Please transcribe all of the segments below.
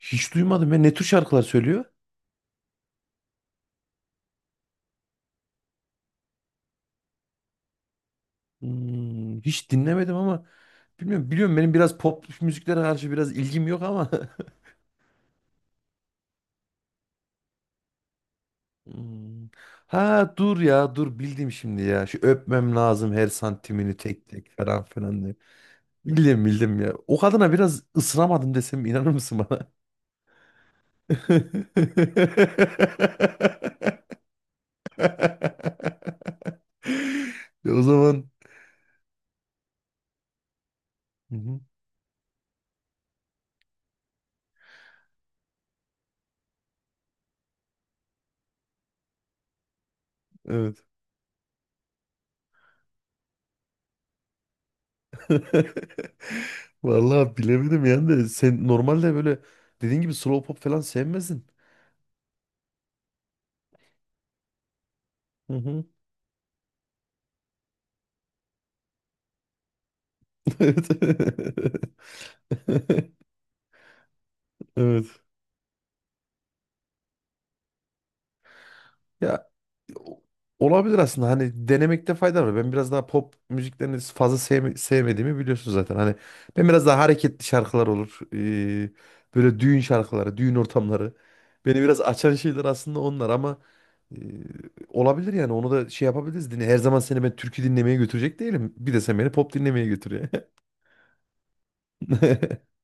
Hiç duymadım ya. Ne tür şarkılar söylüyor? Hmm, hiç dinlemedim ama bilmiyorum. Biliyorum benim biraz pop müziklere karşı biraz ilgim yok ama. Hmm. Ha dur ya dur bildim şimdi ya. Şu öpmem lazım her santimini tek tek falan filan diye. Bildim ya. O kadına biraz ısınamadım desem inanır mısın bana? Ya o zaman hı hı, evet. Vallahi bilemedim yani de sen normalde böyle dediğin gibi slow pop falan sevmezsin. Hı hı. Evet. Evet. Ya o- olabilir aslında hani denemekte fayda var. Ben biraz daha pop müziklerini fazla sevmediğimi biliyorsun zaten. Hani ben biraz daha hareketli şarkılar olur. Böyle düğün şarkıları, düğün ortamları. Beni biraz açan şeyler aslında onlar ama ee, olabilir yani onu da şey yapabiliriz. Dinle. Her zaman seni ben türkü dinlemeye götürecek değilim. Bir de sen beni pop dinlemeye götür ya.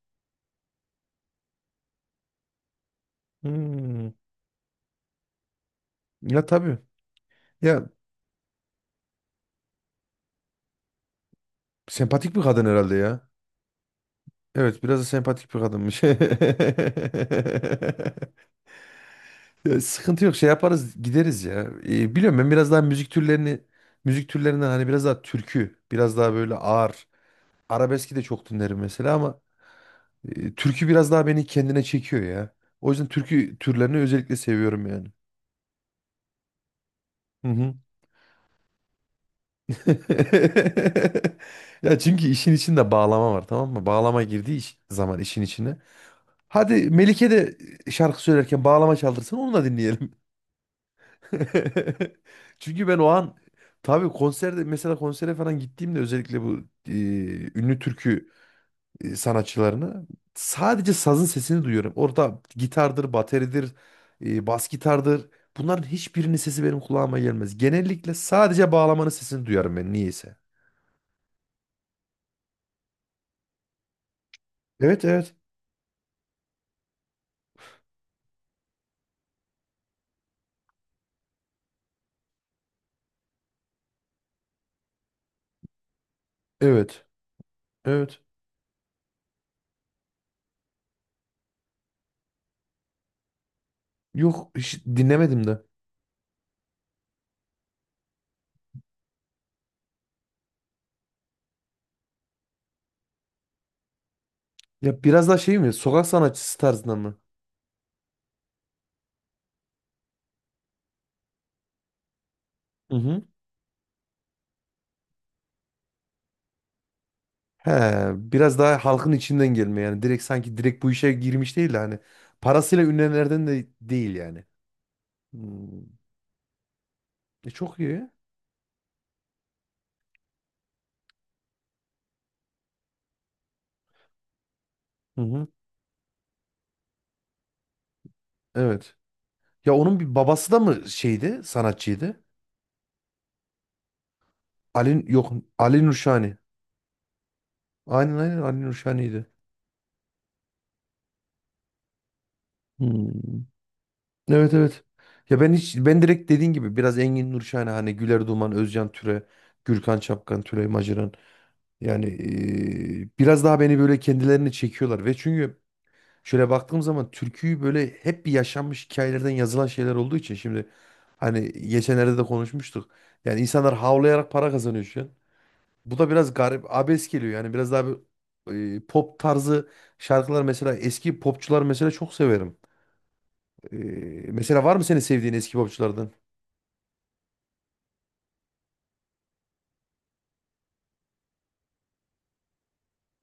Hmm. Ya tabii. Ya sempatik bir kadın herhalde ya. Evet biraz da sempatik bir kadınmış. Ya, sıkıntı yok şey yaparız gideriz ya. Biliyorum ben biraz daha müzik türlerinden hani biraz daha türkü biraz daha böyle ağır. Arabeski de çok dinlerim mesela ama türkü biraz daha beni kendine çekiyor ya. O yüzden türkü türlerini özellikle seviyorum yani. Hı hı. Ya çünkü işin içinde bağlama var, tamam mı? Bağlama girdiği zaman işin içine. Hadi Melike de şarkı söylerken bağlama çaldırsın, onu da dinleyelim. Çünkü ben o an tabii konserde mesela konsere falan gittiğimde özellikle bu e, ünlü türkü sanatçılarını sadece sazın sesini duyuyorum. Orada gitardır, bateridir, bas gitardır. Bunların hiçbirinin sesi benim kulağıma gelmez. Genellikle sadece bağlamanın sesini duyarım ben niyeyse. Evet, evet. Evet. Yok hiç dinlemedim de. Ya biraz daha şey mi? Sokak sanatçısı tarzında mı? Hı hı. He, biraz daha halkın içinden gelme yani. Direkt sanki direkt bu işe girmiş değil de hani. Parasıyla ünlenenlerden de değil yani. Hmm. E, çok iyi. Hı hı. Evet. Ya onun bir babası da mı şeydi? Sanatçıydı. Ali yok, Ali Nurşani. Aynen aynen Ali Nurşani'ydi. Hmm. Evet evet. Ya ben hiç ben direkt dediğin gibi biraz Engin Nurşahine hani Güler Duman, Özcan Türe, Gürkan Çapkan, Tülay Maciran yani biraz daha beni böyle kendilerini çekiyorlar ve çünkü şöyle baktığım zaman türküyü böyle hep bir yaşanmış hikayelerden yazılan şeyler olduğu için şimdi hani geçenlerde de konuşmuştuk. Yani insanlar havlayarak para kazanıyor şu an. Bu da biraz garip, abes geliyor yani biraz daha bir pop tarzı şarkılar mesela eski popçular mesela çok severim. Mesela var mı senin sevdiğin eski popçulardan?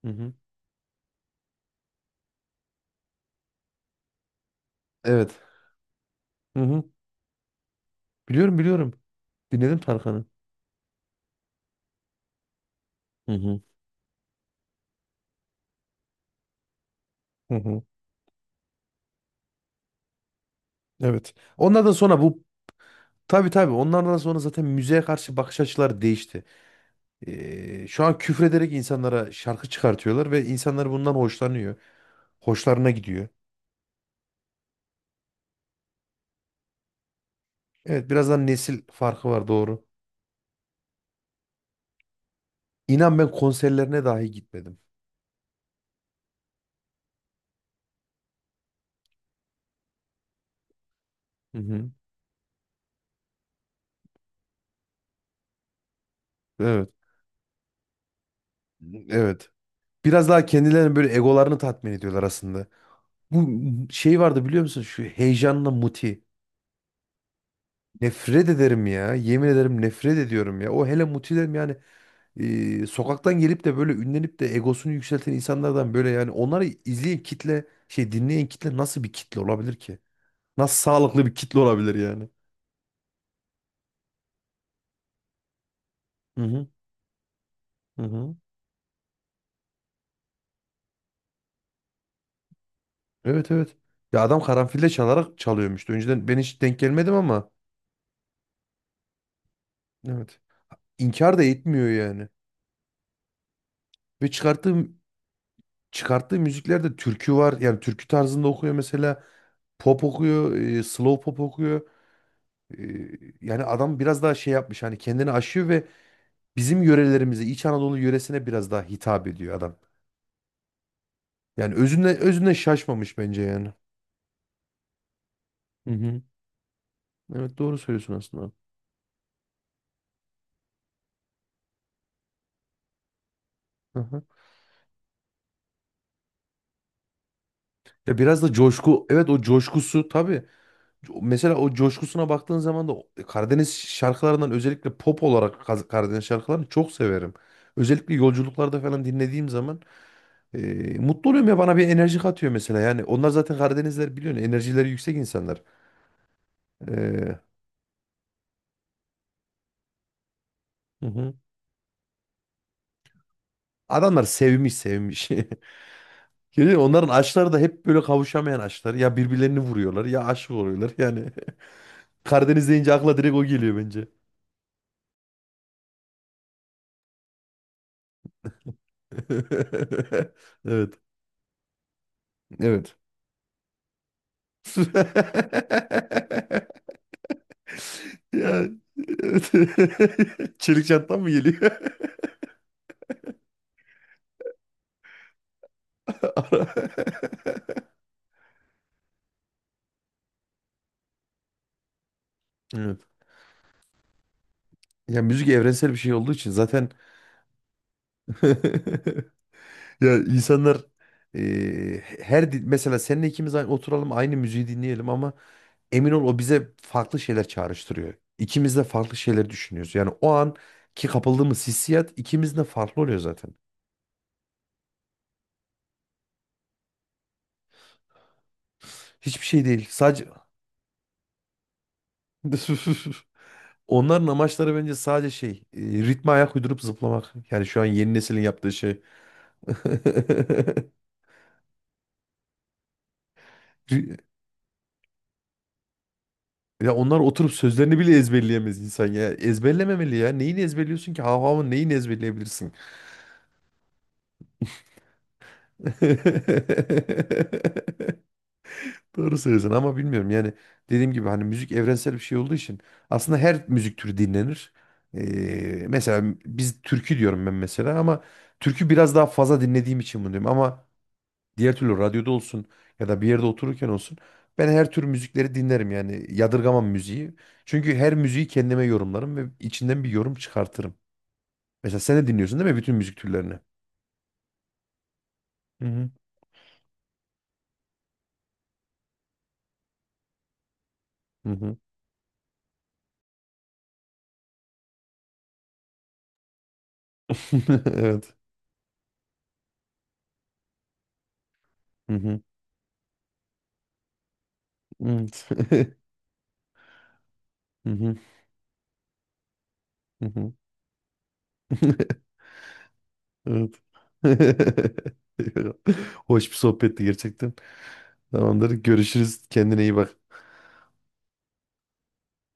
Hı hı. Evet. Hı hı. Biliyorum. Dinledim Tarkan'ı. Hı hı. Hı hı. Evet. Onlardan sonra bu tabii tabii onlardan sonra zaten müziğe karşı bakış açıları değişti. Şu an küfrederek insanlara şarkı çıkartıyorlar ve insanlar bundan hoşlanıyor. Hoşlarına gidiyor. Evet birazdan nesil farkı var, doğru. İnan ben konserlerine dahi gitmedim. Hı hı. Evet. Evet. Biraz daha kendilerini böyle egolarını tatmin ediyorlar aslında. Bu şey vardı biliyor musun? Şu heyecanla Muti. Nefret ederim ya. Yemin ederim nefret ediyorum ya. O hele mutilerim yani sokaktan gelip de böyle ünlenip de egosunu yükselten insanlardan böyle yani onları izleyen kitle şey dinleyen kitle nasıl bir kitle olabilir ki? Nasıl sağlıklı bir kitle olabilir yani? Hı hı, hı hı. Evet evet. Ya adam karanfille çalarak çalıyormuştu. Önceden ben hiç denk gelmedim ama evet. İnkar da etmiyor yani. Ve çıkarttığı müziklerde türkü var. Yani türkü tarzında okuyor mesela. Pop okuyor, slow pop okuyor. Ee, Yani adam biraz daha şey yapmış hani kendini aşıyor ve bizim yörelerimize İç Anadolu yöresine biraz daha hitap ediyor adam. Yani özünde şaşmamış bence yani. Hı hı. Evet doğru söylüyorsun aslında. Hı hı. Ya biraz da coşku, evet o coşkusu tabii. Mesela o coşkusuna baktığın zaman da Karadeniz şarkılarından özellikle pop olarak Karadeniz şarkılarını çok severim. Özellikle yolculuklarda falan dinlediğim zaman e, mutlu oluyorum ya bana bir enerji katıyor mesela. Yani onlar zaten Karadenizler biliyorsun enerjileri yüksek insanlar. E, Hı hı. Adamlar sevmiş. Yani onların aşkları da hep böyle kavuşamayan aşklar. Ya birbirlerini vuruyorlar ya aşık oluyorlar. Yani Karadeniz deyince akla direkt o geliyor bence. Evet. Evet. Ya, evet. Çelik çantam mı geliyor? Ara- Evet. Ya müzik evrensel bir şey olduğu için zaten ya insanlar mesela seninle ikimiz aynı, oturalım aynı müziği dinleyelim ama emin ol o bize farklı şeyler çağrıştırıyor. İkimiz de farklı şeyler düşünüyoruz. Yani o an ki kapıldığımız hissiyat ikimizin de farklı oluyor zaten. Hiçbir şey değil. Sadece onların amaçları bence sadece şey, ritme ayak uydurup zıplamak. Yani şu an yeni neslin yaptığı şey. Ri- Ya onlar oturup sözlerini bile ezberleyemez insan ya. Ezberlememeli ya. Neyini ezberliyorsun ki? Hav havın neyini ezberleyebilirsin? Doğru söylüyorsun ama bilmiyorum yani dediğim gibi hani müzik evrensel bir şey olduğu için aslında her müzik türü dinlenir. Mesela biz türkü diyorum ben mesela ama türkü biraz daha fazla dinlediğim için bunu diyorum ama diğer türlü radyoda olsun ya da bir yerde otururken olsun ben her tür müzikleri dinlerim yani yadırgamam müziği. Çünkü her müziği kendime yorumlarım ve içinden bir yorum çıkartırım. Mesela sen de dinliyorsun değil mi bütün müzik türlerini? Hı hı. Hı hı. Evet. Hı hı. Evet. Hı hı. Hı hı. Evet. Hoş bir sohbetti gerçekten. Tamamdır. Görüşürüz. Kendine iyi bak.